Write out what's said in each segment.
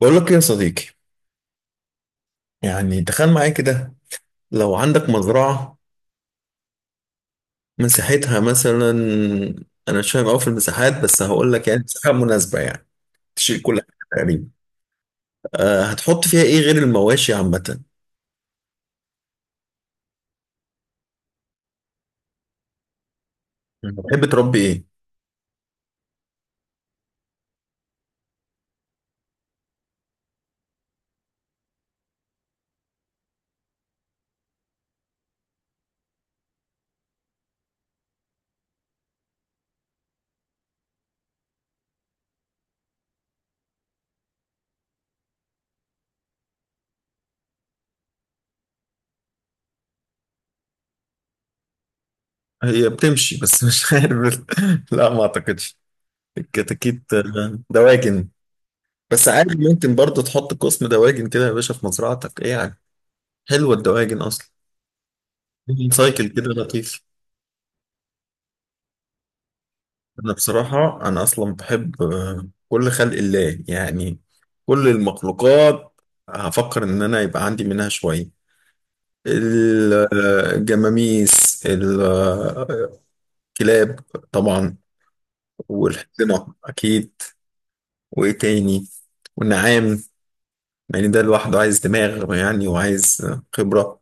بقول لك يا صديقي، يعني تخيل معايا كده. لو عندك مزرعة مساحتها مثلا، أنا مش فاهم أوي في المساحات بس هقول لك يعني مساحة مناسبة يعني. تشيل كل حاجة تقريبا. أه، هتحط فيها إيه غير المواشي عامة؟ بتحب تربي إيه؟ هي بتمشي بس مش عارف. لا، ما أعتقدش. الكتاكيت دواجن. بس عادي ممكن برضه تحط قسم دواجن كده يا باشا في مزرعتك، إيه يعني؟ حلوة الدواجن أصلا. سايكل كده لطيف. انا بصراحة انا اصلا بحب كل خلق الله يعني. كل المخلوقات. هفكر ان انا يبقى عندي منها شوية. الجماميس، الكلاب، طبعا، والحصنة اكيد. وايه تاني؟ والنعام. يعني ده لوحده عايز دماغ يعني، وعايز خبرة.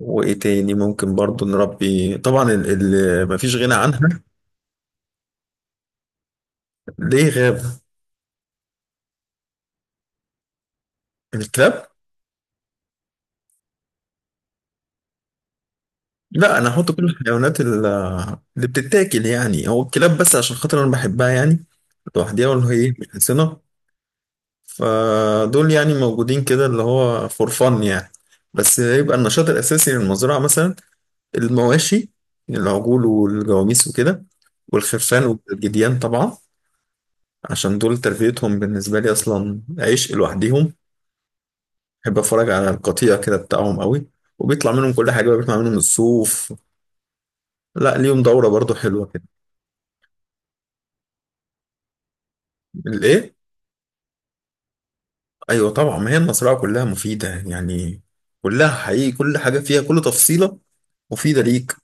وايه تاني ممكن برضو نربي؟ طبعا اللي مفيش غنى عنها. ليه غاب؟ الكلاب. لا، انا هحط كل الحيوانات ال-. اللي بتتاكل، يعني هو الكلاب بس عشان خاطر انا بحبها يعني. لوحديها ولا هي مش حسنة. فدول يعني موجودين كده اللي هو فور فن يعني. بس يبقى النشاط الاساسي للمزرعه مثلا المواشي. العجول والجواميس وكده، والخرفان والجديان طبعا. عشان دول تربيتهم بالنسبه لي اصلا عشق لوحديهم. بحب اتفرج على القطيع كده بتاعهم قوي. وبيطلع منهم كل حاجه بقى، بيطلع منهم الصوف. لا، ليهم دوره برضو حلوه كده. الايه؟ ايوه طبعا، ما هي المزرعه كلها مفيده يعني. كلها حقيقي، كل حاجه فيها، كل تفصيله مفيده ليك.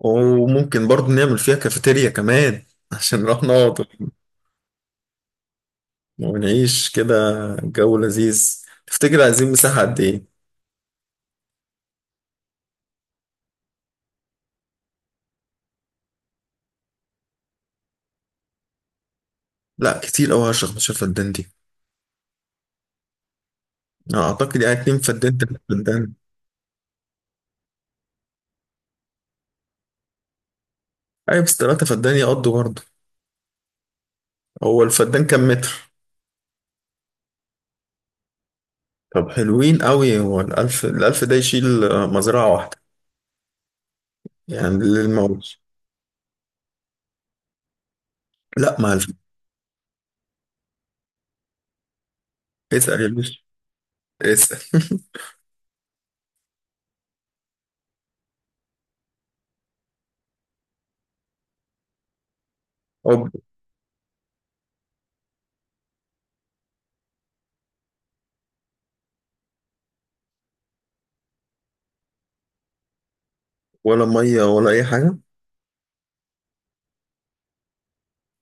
وممكن برضو نعمل فيها كافيتيريا كمان عشان نروح نقعد ونعيش كده. جو لذيذ. تفتكر عايزين مساحه قد ايه؟ لا كتير قوي 10 15 فدان دي. أنا اعتقد يعني 2 فدان 3 فدان. ايوه بس 3 فدان يقضوا برضه. هو الفدان كام متر؟ طب حلوين قوي، هو الألف الألف ده يشيل مزرعة واحدة، يعني للموز. لا ما الف- اسأل يا باشا، اسأل. حب. ولا مية ولا أي حاجة.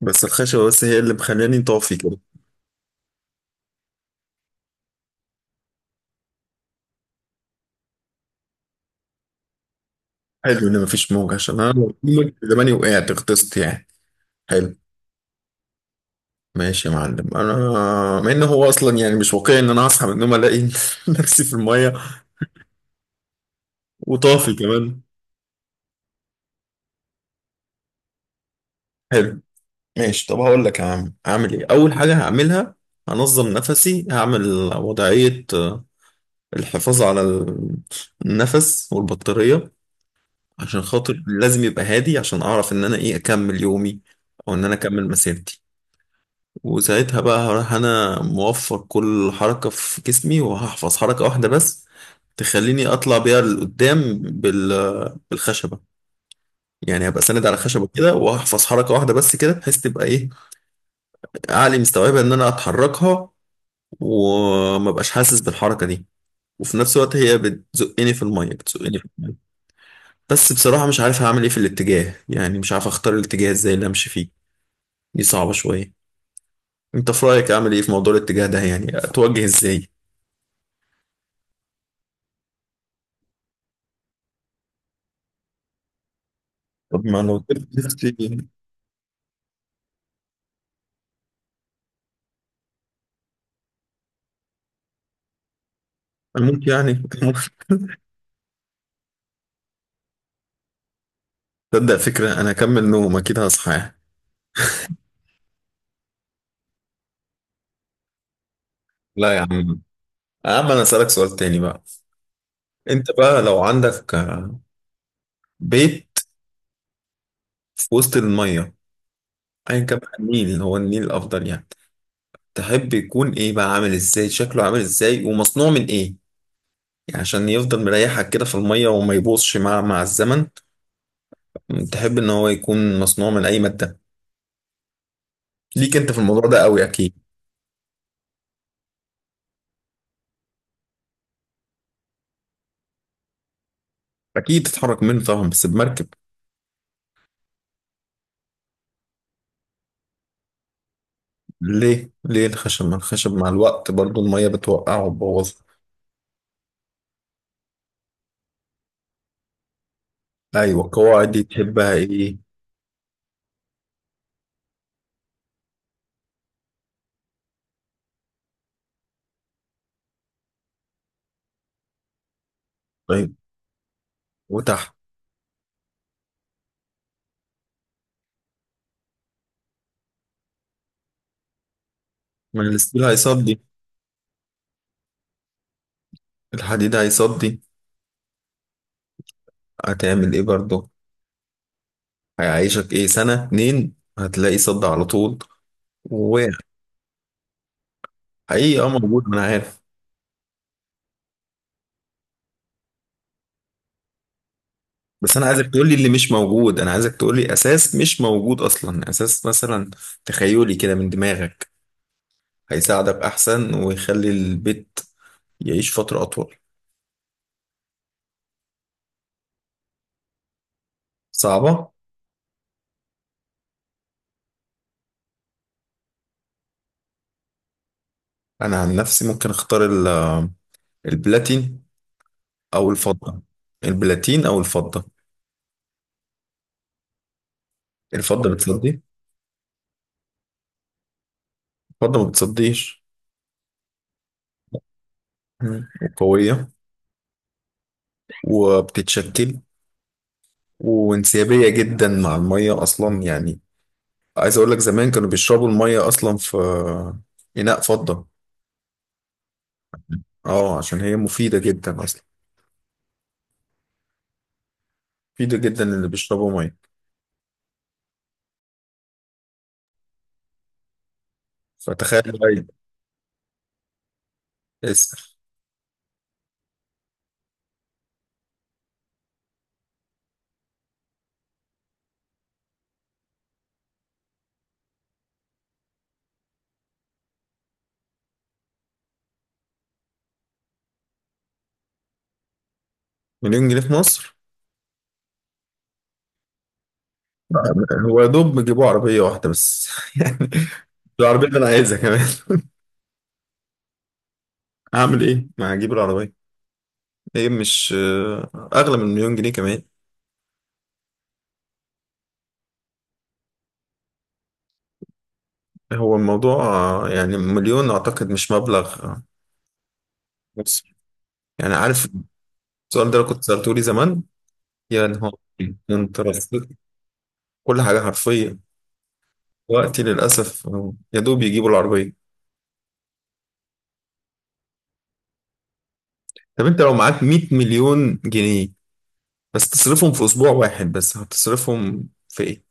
بس الخشبة بس هي اللي مخلاني طافي كده. حلو إن مفيش موج، عشان أنا لو في موج زماني وقعت غطست يعني. حلو. ماشي يا معلم. أنا مع إن هو أصلا يعني مش واقعي إن أنا هصحى من النوم ألاقي نفسي في المية وطافي كمان. حلو. ماشي، طب هقول لك يا عم. أعمل إيه أول حاجة هعملها؟ هنظم نفسي. هعمل وضعية الحفاظ على النفس والبطارية. عشان خاطر لازم يبقى هادي عشان اعرف ان انا ايه اكمل يومي، او ان انا اكمل مسيرتي. وساعتها بقى هروح انا موفر كل حركة في جسمي وهحفظ حركة واحدة بس تخليني اطلع بيها لقدام بالخشبة. يعني هبقى ساند على خشبة كده وهحفظ حركة واحدة بس كده بحيث تبقى ايه؟ عقلي مستوعبة ان انا اتحركها وما بقاش حاسس بالحركة دي. وفي نفس الوقت هي بتزقني في المية بتزقني في المية. بس بصراحة مش عارف هعمل ايه في الاتجاه، يعني مش عارف اختار الاتجاه ازاي اللي امشي فيه. دي صعبة شوية. انت في رأيك اعمل ايه في موضوع الاتجاه ده؟ يعني اتوجه ازاي؟ طب ما لو سبت نفسي اموت يعني تصدق فكرة انا اكمل نوم اكيد هصحى. لا يا عم. يا عم انا اسألك سؤال تاني بقى. انت بقى لو عندك بيت في وسط المية، ايا كان بقى النيل، هو النيل الافضل يعني. تحب يكون ايه بقى؟ عامل ازاي شكله؟ عامل ازاي ومصنوع من ايه؟ يعني عشان يفضل مريحك كده في المية وما يبوظش مع الزمن. تحب ان هو يكون مصنوع من اي مادة؟ ليك انت في الموضوع ده قوي اكيد. اكيد تتحرك منه طبعا بس بمركب. ليه؟ ليه الخشب؟ ما الخشب مع الوقت برضو المية بتوقعه وتبوظه. ايوه، القواعد دي تحبها ايه؟ طيب. وتحت؟ ما الستيل هيصدي. الحديد هيصدي. هتعمل ايه برضو؟ هيعيشك ايه سنة اتنين هتلاقي صد على طول. وحقيقي. اه موجود، ما انا عارف. بس انا عايزك تقولي اللي مش موجود. انا عايزك تقولي اساس مش موجود اصلا، اساس مثلا. تخيلي كده من دماغك. هيساعدك احسن ويخلي البيت يعيش فترة اطول. صعبة. أنا عن نفسي ممكن أختار البلاتين أو الفضة. البلاتين أو الفضة. الفضة بتصدي. الفضة ما بتصديش. مم. وقوية. وبتتشكل. وانسيابية جدا مع المية أصلا يعني. عايز أقول لك زمان كانوا بيشربوا المية أصلا في إناء فضة. أه، عشان هي مفيدة جدا أصلا. مفيدة جدا اللي بيشربوا مية. فتخيل بقى. اسأل. مليون جنيه في مصر. هو يا دوب بيجيبوا عربية واحدة بس يعني. العربية اللي أنا عايزها كمان أعمل إيه؟ ما هجيب العربية. هي مش أغلى من مليون جنيه كمان. هو الموضوع يعني مليون أعتقد مش مبلغ مصري. يعني عارف. السؤال ده لو كنت سألته لي زمان. يا نهار أبيض، أنت رصيد. كل حاجة حرفيا. وقتي للأسف يا دوب يجيبوا العربية. طب أنت لو معاك 100 مليون جنيه بس تصرفهم في أسبوع واحد بس هتصرفهم في إيه؟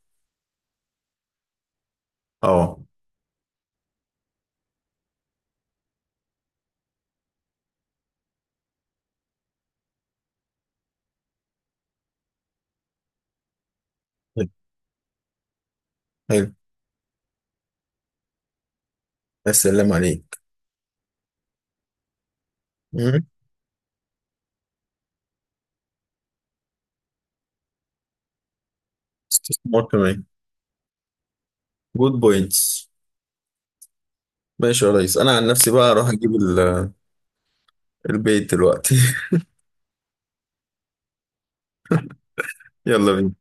آه. طيب، حلو. يا سلام عليك. مم. استثمار كمان. جود بوينتس. ماشي يا ريس. انا عن نفسي بقى اروح اجيب البيت دلوقتي يلا بينا.